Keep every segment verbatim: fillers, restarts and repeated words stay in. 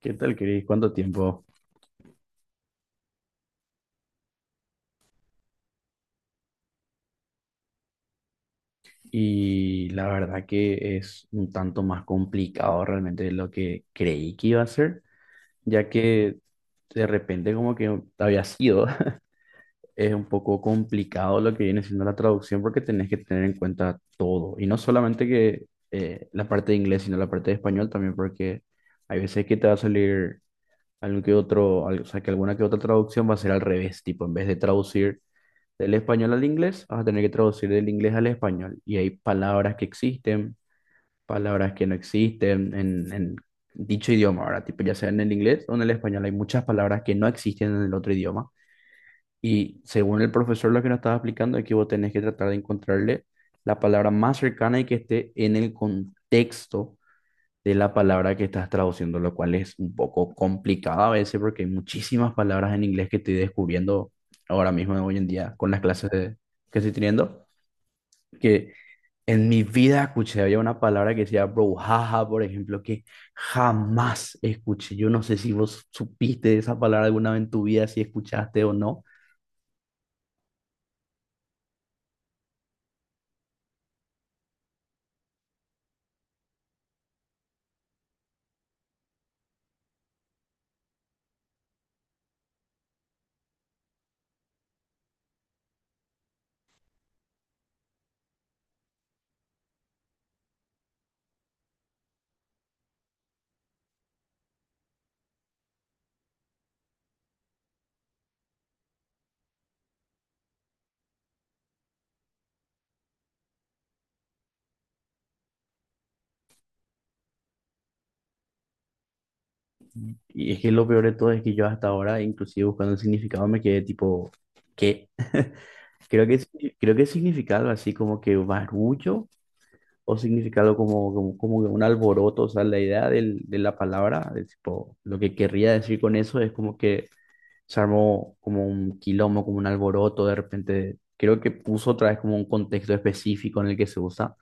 ¿Qué tal, Cris? ¿Cuánto tiempo? Y la verdad que es un tanto más complicado realmente de lo que creí que iba a ser, ya que de repente como que había sido, es un poco complicado lo que viene siendo la traducción porque tenés que tener en cuenta todo, y no solamente que eh, la parte de inglés, sino la parte de español también, porque hay veces que te va a salir algún que otro, al- o sea, que alguna que otra traducción va a ser al revés, tipo, en vez de traducir del español al inglés, vas a tener que traducir del inglés al español. Y hay palabras que existen, palabras que no existen en, en dicho idioma, ahora, tipo, ya sea en el inglés o en el español, hay muchas palabras que no existen en el otro idioma. Y según el profesor lo que nos estaba explicando es que vos tenés que tratar de encontrarle la palabra más cercana y que esté en el contexto de la palabra que estás traduciendo, lo cual es un poco complicado a veces porque hay muchísimas palabras en inglés que estoy descubriendo ahora mismo, hoy en día, con las clases de- que estoy teniendo, que en mi vida escuché. Había una palabra que decía brouhaha, por ejemplo, que jamás escuché. Yo no sé si vos supiste esa palabra alguna vez en tu vida, si escuchaste o no. Y es que lo peor de todo es que yo hasta ahora, inclusive buscando el significado, me quedé tipo, ¿qué? Creo que, creo que significa algo así como que barullo o significado como, como, como que un alboroto, o sea, la idea del- de la palabra, de tipo, lo que querría decir con eso es como que se armó como un quilombo, como un alboroto, de repente, creo que puso otra vez como un contexto específico en el que se usa,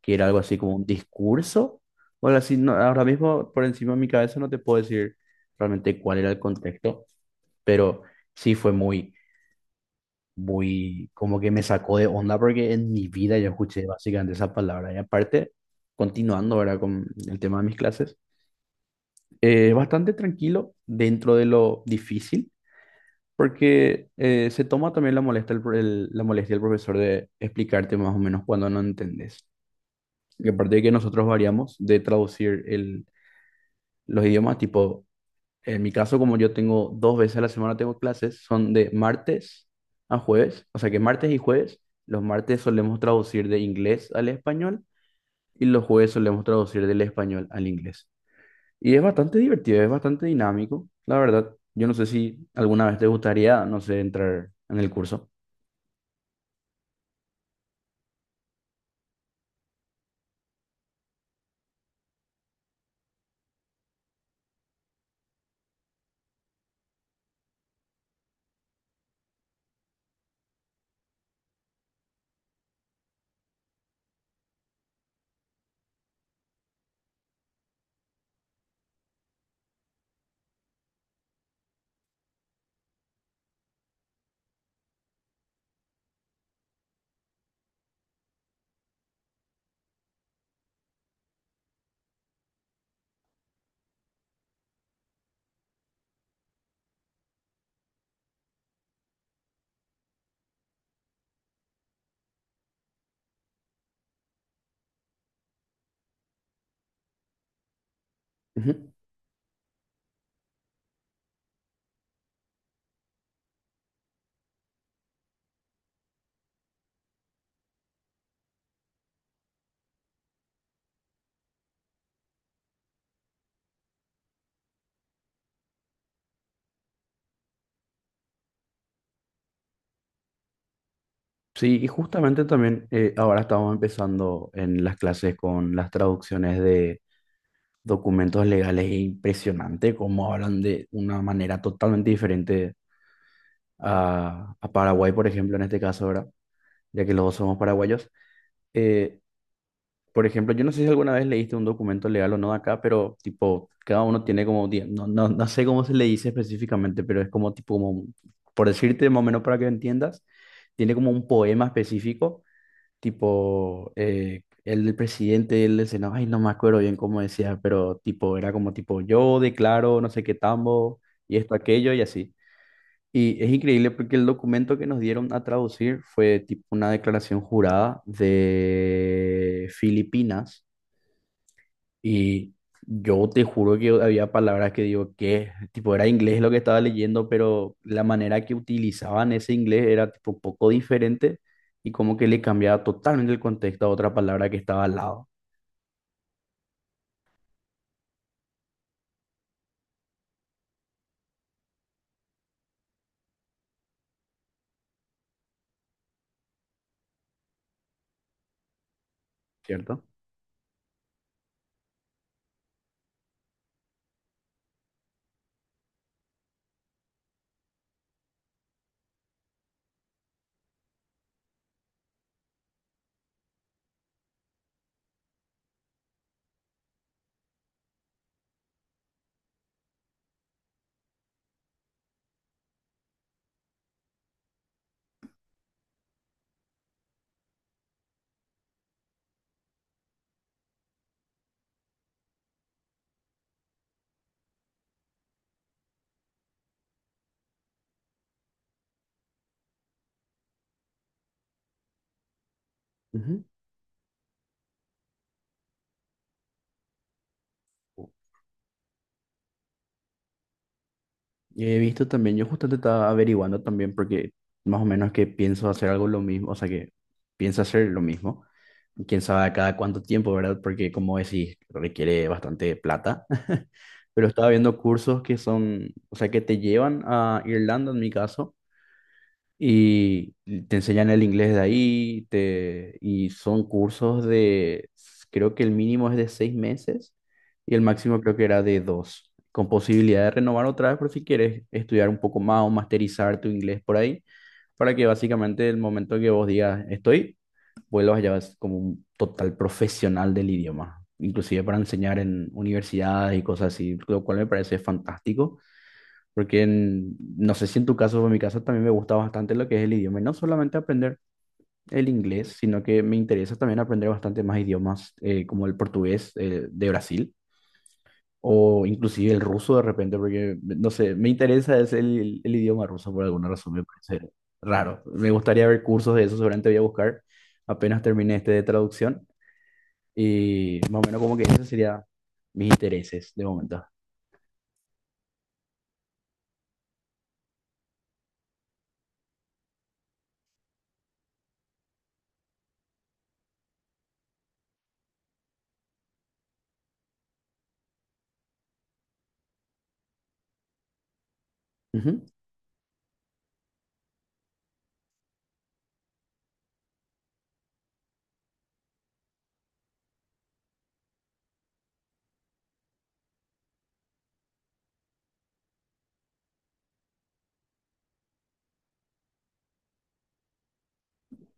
que era algo así como un discurso, o algo así, no, ahora mismo por encima de mi cabeza no te puedo decir realmente cuál era el contexto, pero sí fue muy muy, como que me sacó de onda porque en mi vida yo escuché básicamente esa palabra. Y aparte, continuando ahora con el tema de mis clases, eh, bastante tranquilo dentro de lo difícil, porque eh, se toma también la molestia, el el- la molestia del profesor de explicarte más o menos cuando no entendés. Y aparte de que nosotros variamos de traducir el, los idiomas, tipo, en mi caso, como yo tengo dos veces a la semana tengo clases, son de martes a jueves, o sea que martes y jueves, los martes solemos traducir de inglés al español y los jueves solemos traducir del español al inglés. Y es bastante divertido, es bastante dinámico, la verdad. Yo no sé si alguna vez te gustaría, no sé, entrar en el curso. Ujú. Sí, y justamente también eh, ahora estamos empezando en las clases con las traducciones de documentos legales. Es impresionante cómo hablan de una manera totalmente diferente a, a Paraguay, por ejemplo, en este caso, ahora, ya que los dos somos paraguayos. Eh, por ejemplo, yo no sé si alguna vez leíste un documento legal o no de acá, pero tipo, cada uno tiene como, di- no, no, no sé cómo se le dice específicamente, pero es como tipo, como, por decirte más o menos para que entiendas, tiene como un poema específico tipo, eh, el del presidente, el del Senado, ay, no me acuerdo bien cómo decía, pero tipo, era como tipo, yo declaro no sé qué tambo y esto, aquello y así. Y es increíble porque el documento que nos dieron a traducir fue tipo una declaración jurada de Filipinas, y yo te juro que había palabras que digo que, tipo, era inglés lo que estaba leyendo, pero la manera que utilizaban ese inglés era tipo poco diferente y como que le cambiaba totalmente el contexto a otra palabra que estaba al lado, ¿cierto? Ujú. He visto también, yo justamente estaba averiguando también porque más o menos que pienso hacer algo lo mismo, o sea que pienso hacer lo mismo. Quién sabe a cada cuánto tiempo, ¿verdad? Porque como decís, requiere bastante plata. Pero estaba viendo cursos que son, o sea, que te llevan a Irlanda en mi caso y te enseñan el inglés de ahí, te, y son cursos de, creo que el mínimo es de seis meses y el máximo creo que era de dos, con posibilidad de renovar otra vez por si quieres estudiar un poco más o masterizar tu inglés por ahí, para que básicamente el momento que vos digas estoy, vuelvas ya vas como un total profesional del idioma, inclusive para enseñar en universidades y cosas así, lo cual me parece fantástico. Porque en- no sé si en tu caso o en mi caso también me gusta bastante lo que es el idioma. Y no solamente aprender el inglés, sino que me interesa también aprender bastante más idiomas eh, como el portugués eh, de Brasil o inclusive el ruso de repente, porque no sé, me interesa es el, el idioma ruso por alguna razón, me parece raro. Me gustaría ver cursos de eso, seguramente voy a buscar apenas termine este de traducción. Y más o menos como que esos serían mis intereses de momento. Ujú.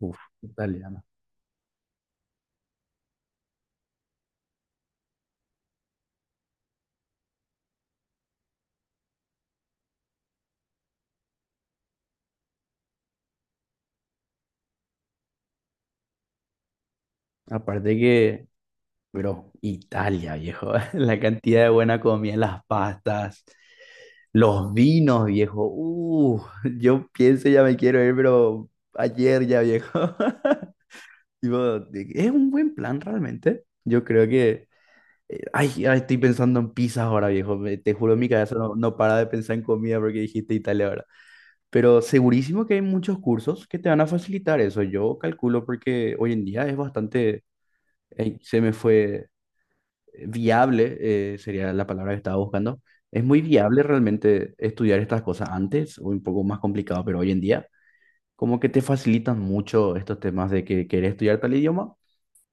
Uf, italiano. Aparte que bro, Italia, viejo. La cantidad de buena comida, las pastas, los vinos, viejo. Uh, yo pienso ya me quiero ir, pero ayer ya, viejo. Tipo, de- es un buen plan realmente. Yo creo que... eh, ay, ay, estoy pensando en pizzas ahora, viejo. Me- Te juro, mi cabeza no, no para de pensar en comida porque dijiste Italia ahora. Pero segurísimo que hay muchos cursos que te van a facilitar eso. Yo calculo porque hoy en día es bastante... Ey, se me fue viable, eh, sería la palabra que estaba buscando. Es muy viable realmente estudiar estas cosas antes, o un poco más complicado, pero hoy en día, como que te facilitan mucho estos temas de que querés estudiar tal idioma,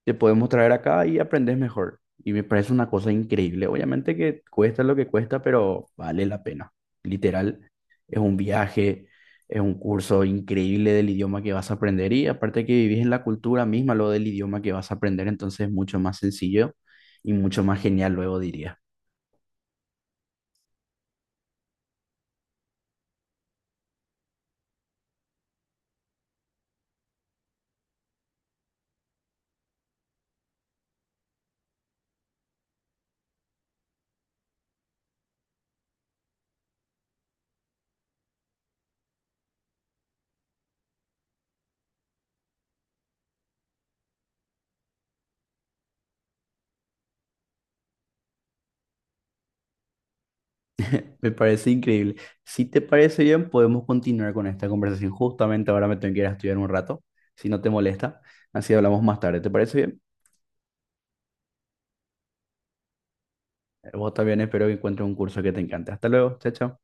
te podemos traer acá y aprendes mejor. Y me parece una cosa increíble. Obviamente que cuesta lo que cuesta, pero vale la pena. Literal, es un viaje, es un curso increíble del idioma que vas a aprender y aparte que vivís en la cultura misma, lo del idioma que vas a aprender, entonces es mucho más sencillo y mucho más genial, luego diría. Me parece increíble. Si te parece bien, podemos continuar con esta conversación. Justamente ahora me tengo que ir a estudiar un rato, si no te molesta. Así hablamos más tarde. ¿Te parece bien? Vos también espero que encuentres un curso que te encante. Hasta luego, chao, chao.